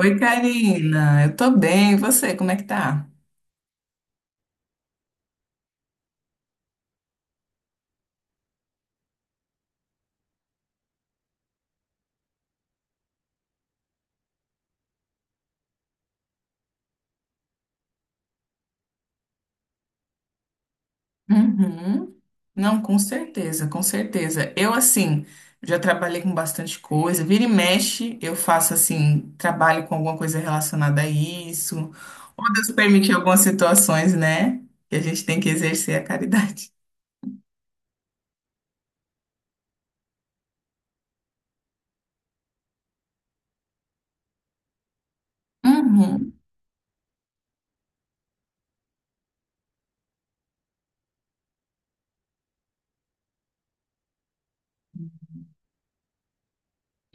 Oi, Karina. Eu tô bem. E você, como é que tá? Uhum. Não, com certeza, com certeza. Eu, assim, já trabalhei com bastante coisa. Vira e mexe, eu faço, assim, trabalho com alguma coisa relacionada a isso. Ou Deus permite algumas situações, né? Que a gente tem que exercer a caridade. Uhum.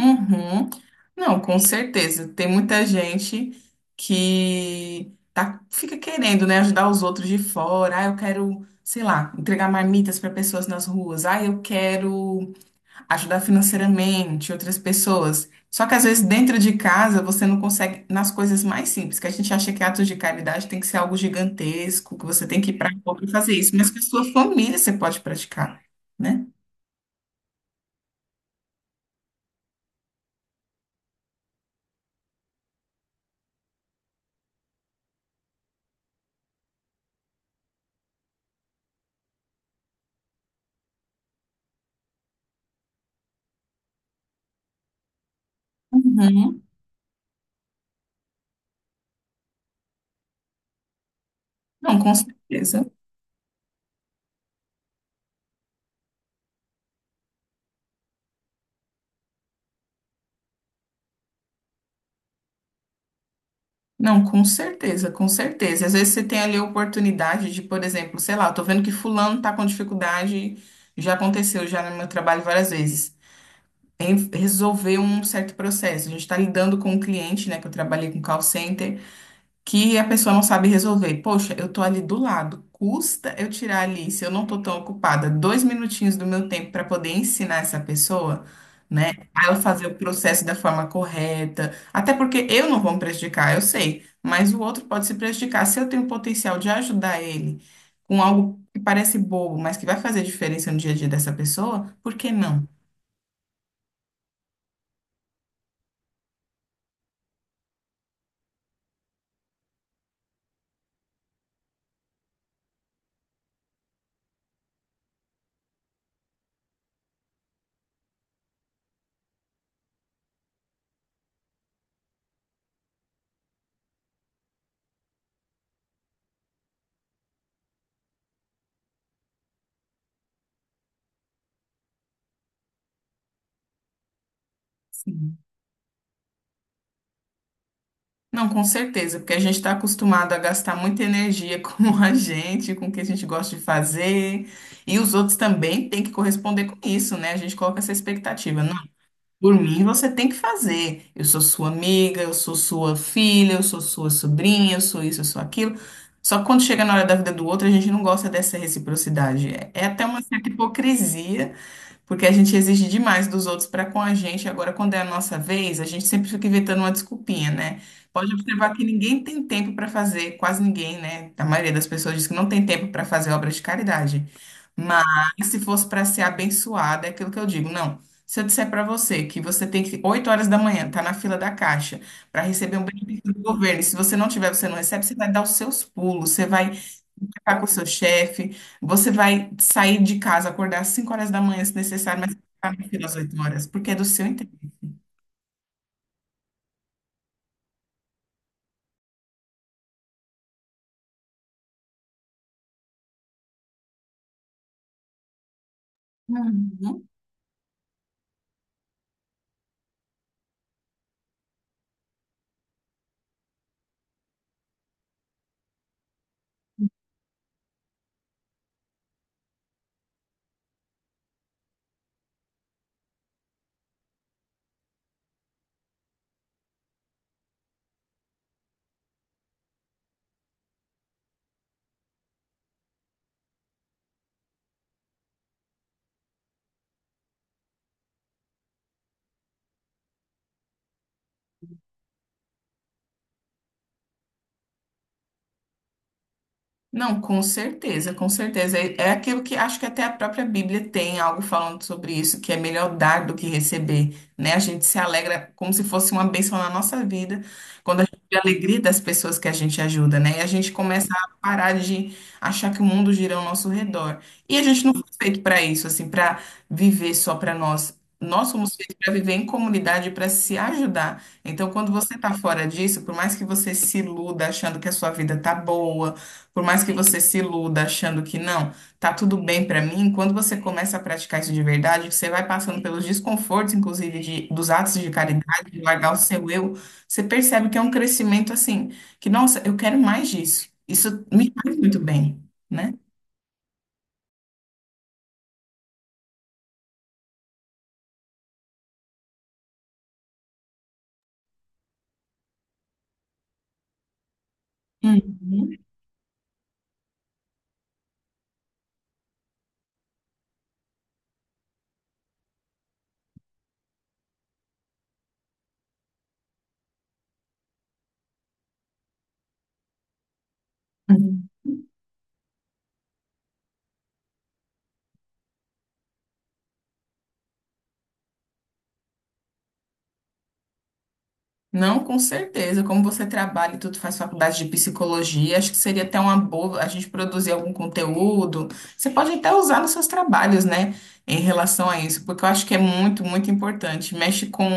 Uhum. Não, com certeza. Tem muita gente que tá, fica querendo, né, ajudar os outros de fora. Ah, eu quero, sei lá, entregar marmitas para pessoas nas ruas. Ah, eu quero ajudar financeiramente outras pessoas. Só que às vezes dentro de casa você não consegue nas coisas mais simples, que a gente acha que atos de caridade tem que ser algo gigantesco, que você tem que ir para rua e fazer isso, mas que a sua família você pode praticar, né? Uhum. Não, com certeza. Não, com certeza, com certeza. Às vezes você tem ali a oportunidade de, por exemplo, sei lá, eu tô vendo que fulano tá com dificuldade, já aconteceu já no meu trabalho várias vezes. Em resolver um certo processo. A gente está lidando com um cliente, né, que eu trabalhei com call center, que a pessoa não sabe resolver. Poxa, eu tô ali do lado. Custa eu tirar ali, se eu não tô tão ocupada, dois minutinhos do meu tempo para poder ensinar essa pessoa, né? A ela fazer o processo da forma correta. Até porque eu não vou me prejudicar, eu sei, mas o outro pode se prejudicar. Se eu tenho o potencial de ajudar ele com algo que parece bobo, mas que vai fazer diferença no dia a dia dessa pessoa, por que não? Não, com certeza, porque a gente está acostumado a gastar muita energia com a gente, com o que a gente gosta de fazer, e os outros também têm que corresponder com isso, né? A gente coloca essa expectativa. Não, por mim você tem que fazer. Eu sou sua amiga, eu sou sua filha, eu sou sua sobrinha, eu sou isso, eu sou aquilo. Só que quando chega na hora da vida do outro, a gente não gosta dessa reciprocidade. É até uma certa hipocrisia porque a gente exige demais dos outros para com a gente. Agora, quando é a nossa vez, a gente sempre fica inventando uma desculpinha, né? Pode observar que ninguém tem tempo para fazer, quase ninguém, né? A maioria das pessoas diz que não tem tempo para fazer obra de caridade. Mas se fosse para ser abençoada, é aquilo que eu digo, não. Se eu disser para você que você tem que 8 horas da manhã, tá na fila da caixa para receber um benefício do governo, e se você não tiver, você não recebe, você vai dar os seus pulos, você vai ficar com o seu chefe, você vai sair de casa, acordar às 5 horas da manhã, se necessário, mas ficar na fila às 8 horas, porque é do seu interesse. Uhum. Não, com certeza, com certeza. É, é aquilo que acho que até a própria Bíblia tem algo falando sobre isso, que é melhor dar do que receber, né? A gente se alegra como se fosse uma bênção na nossa vida, quando a gente vê a alegria das pessoas que a gente ajuda, né? E a gente começa a parar de achar que o mundo gira ao nosso redor. E a gente não foi feito para isso, assim, para viver só para nós. Nós somos feitos para viver em comunidade, para se ajudar. Então, quando você está fora disso, por mais que você se iluda achando que a sua vida tá boa, por mais que você se iluda achando que não, tá tudo bem pra mim, quando você começa a praticar isso de verdade, você vai passando pelos desconfortos, inclusive, de, dos atos de caridade, de largar o seu eu, você percebe que é um crescimento assim, que, nossa, eu quero mais disso. Isso me faz muito bem, né? Uhum. Não, com certeza. Como você trabalha e tudo faz faculdade de psicologia, acho que seria até uma boa a gente produzir algum conteúdo. Você pode até usar nos seus trabalhos, né, em relação a isso, porque eu acho que é muito, muito importante. Mexe com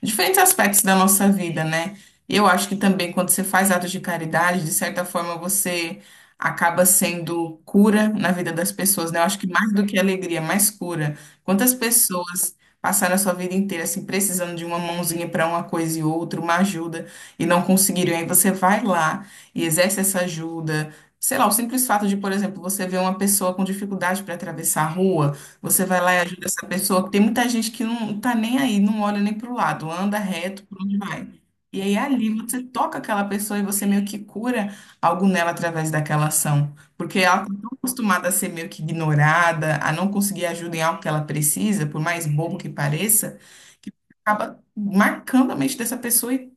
diferentes aspectos da nossa vida, né? E eu acho que também quando você faz atos de caridade, de certa forma você acaba sendo cura na vida das pessoas, né? Eu acho que mais do que alegria, mais cura. Quantas pessoas passaram a sua vida inteira assim precisando de uma mãozinha para uma coisa e outra, uma ajuda e não conseguiram. Aí você vai lá e exerce essa ajuda. Sei lá, o simples fato de, por exemplo, você ver uma pessoa com dificuldade para atravessar a rua, você vai lá e ajuda essa pessoa, que tem muita gente que não tá nem aí, não olha nem para o lado, anda reto por onde vai. E aí ali você toca aquela pessoa e você meio que cura algo nela através daquela ação, porque ela acostumada a ser meio que ignorada, a não conseguir ajuda em algo que ela precisa, por mais bobo que pareça, que acaba marcando a mente dessa pessoa e.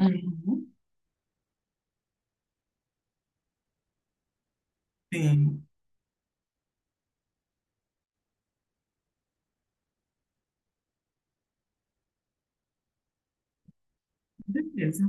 Uhum. Sim, com certeza.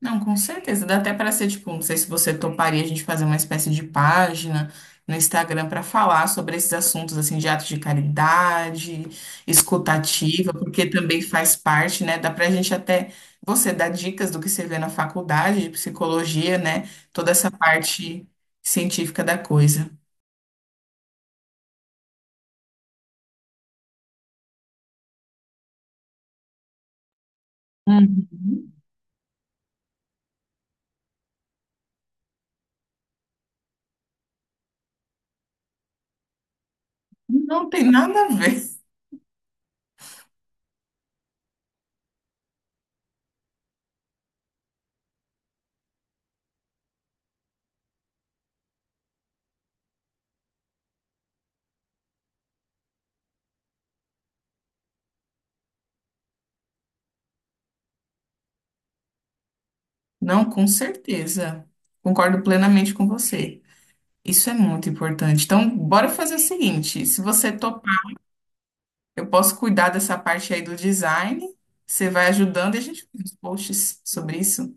Não, com certeza. Dá até para ser, tipo, não sei se você toparia a gente fazer uma espécie de página no Instagram para falar sobre esses assuntos, assim, de atos de caridade, escutativa, porque também faz parte, né? Dá para a gente até, você dar dicas do que você vê na faculdade de psicologia, né? Toda essa parte científica da coisa. Uhum. Não tem nada a ver. Não, com certeza. Concordo plenamente com você. Isso é muito importante. Então, bora fazer o seguinte: se você topar, eu posso cuidar dessa parte aí do design, você vai ajudando e a gente faz os posts sobre isso.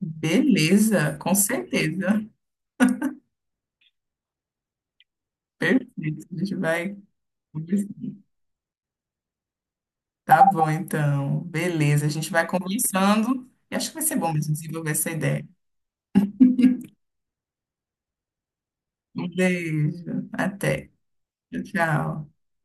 Beleza, com certeza. Perfeito. A gente vai conversando. Tá bom, então. Beleza, a gente vai conversando e acho que vai ser bom mesmo desenvolver essa ideia. Um beijo, até. Tchau, tchau.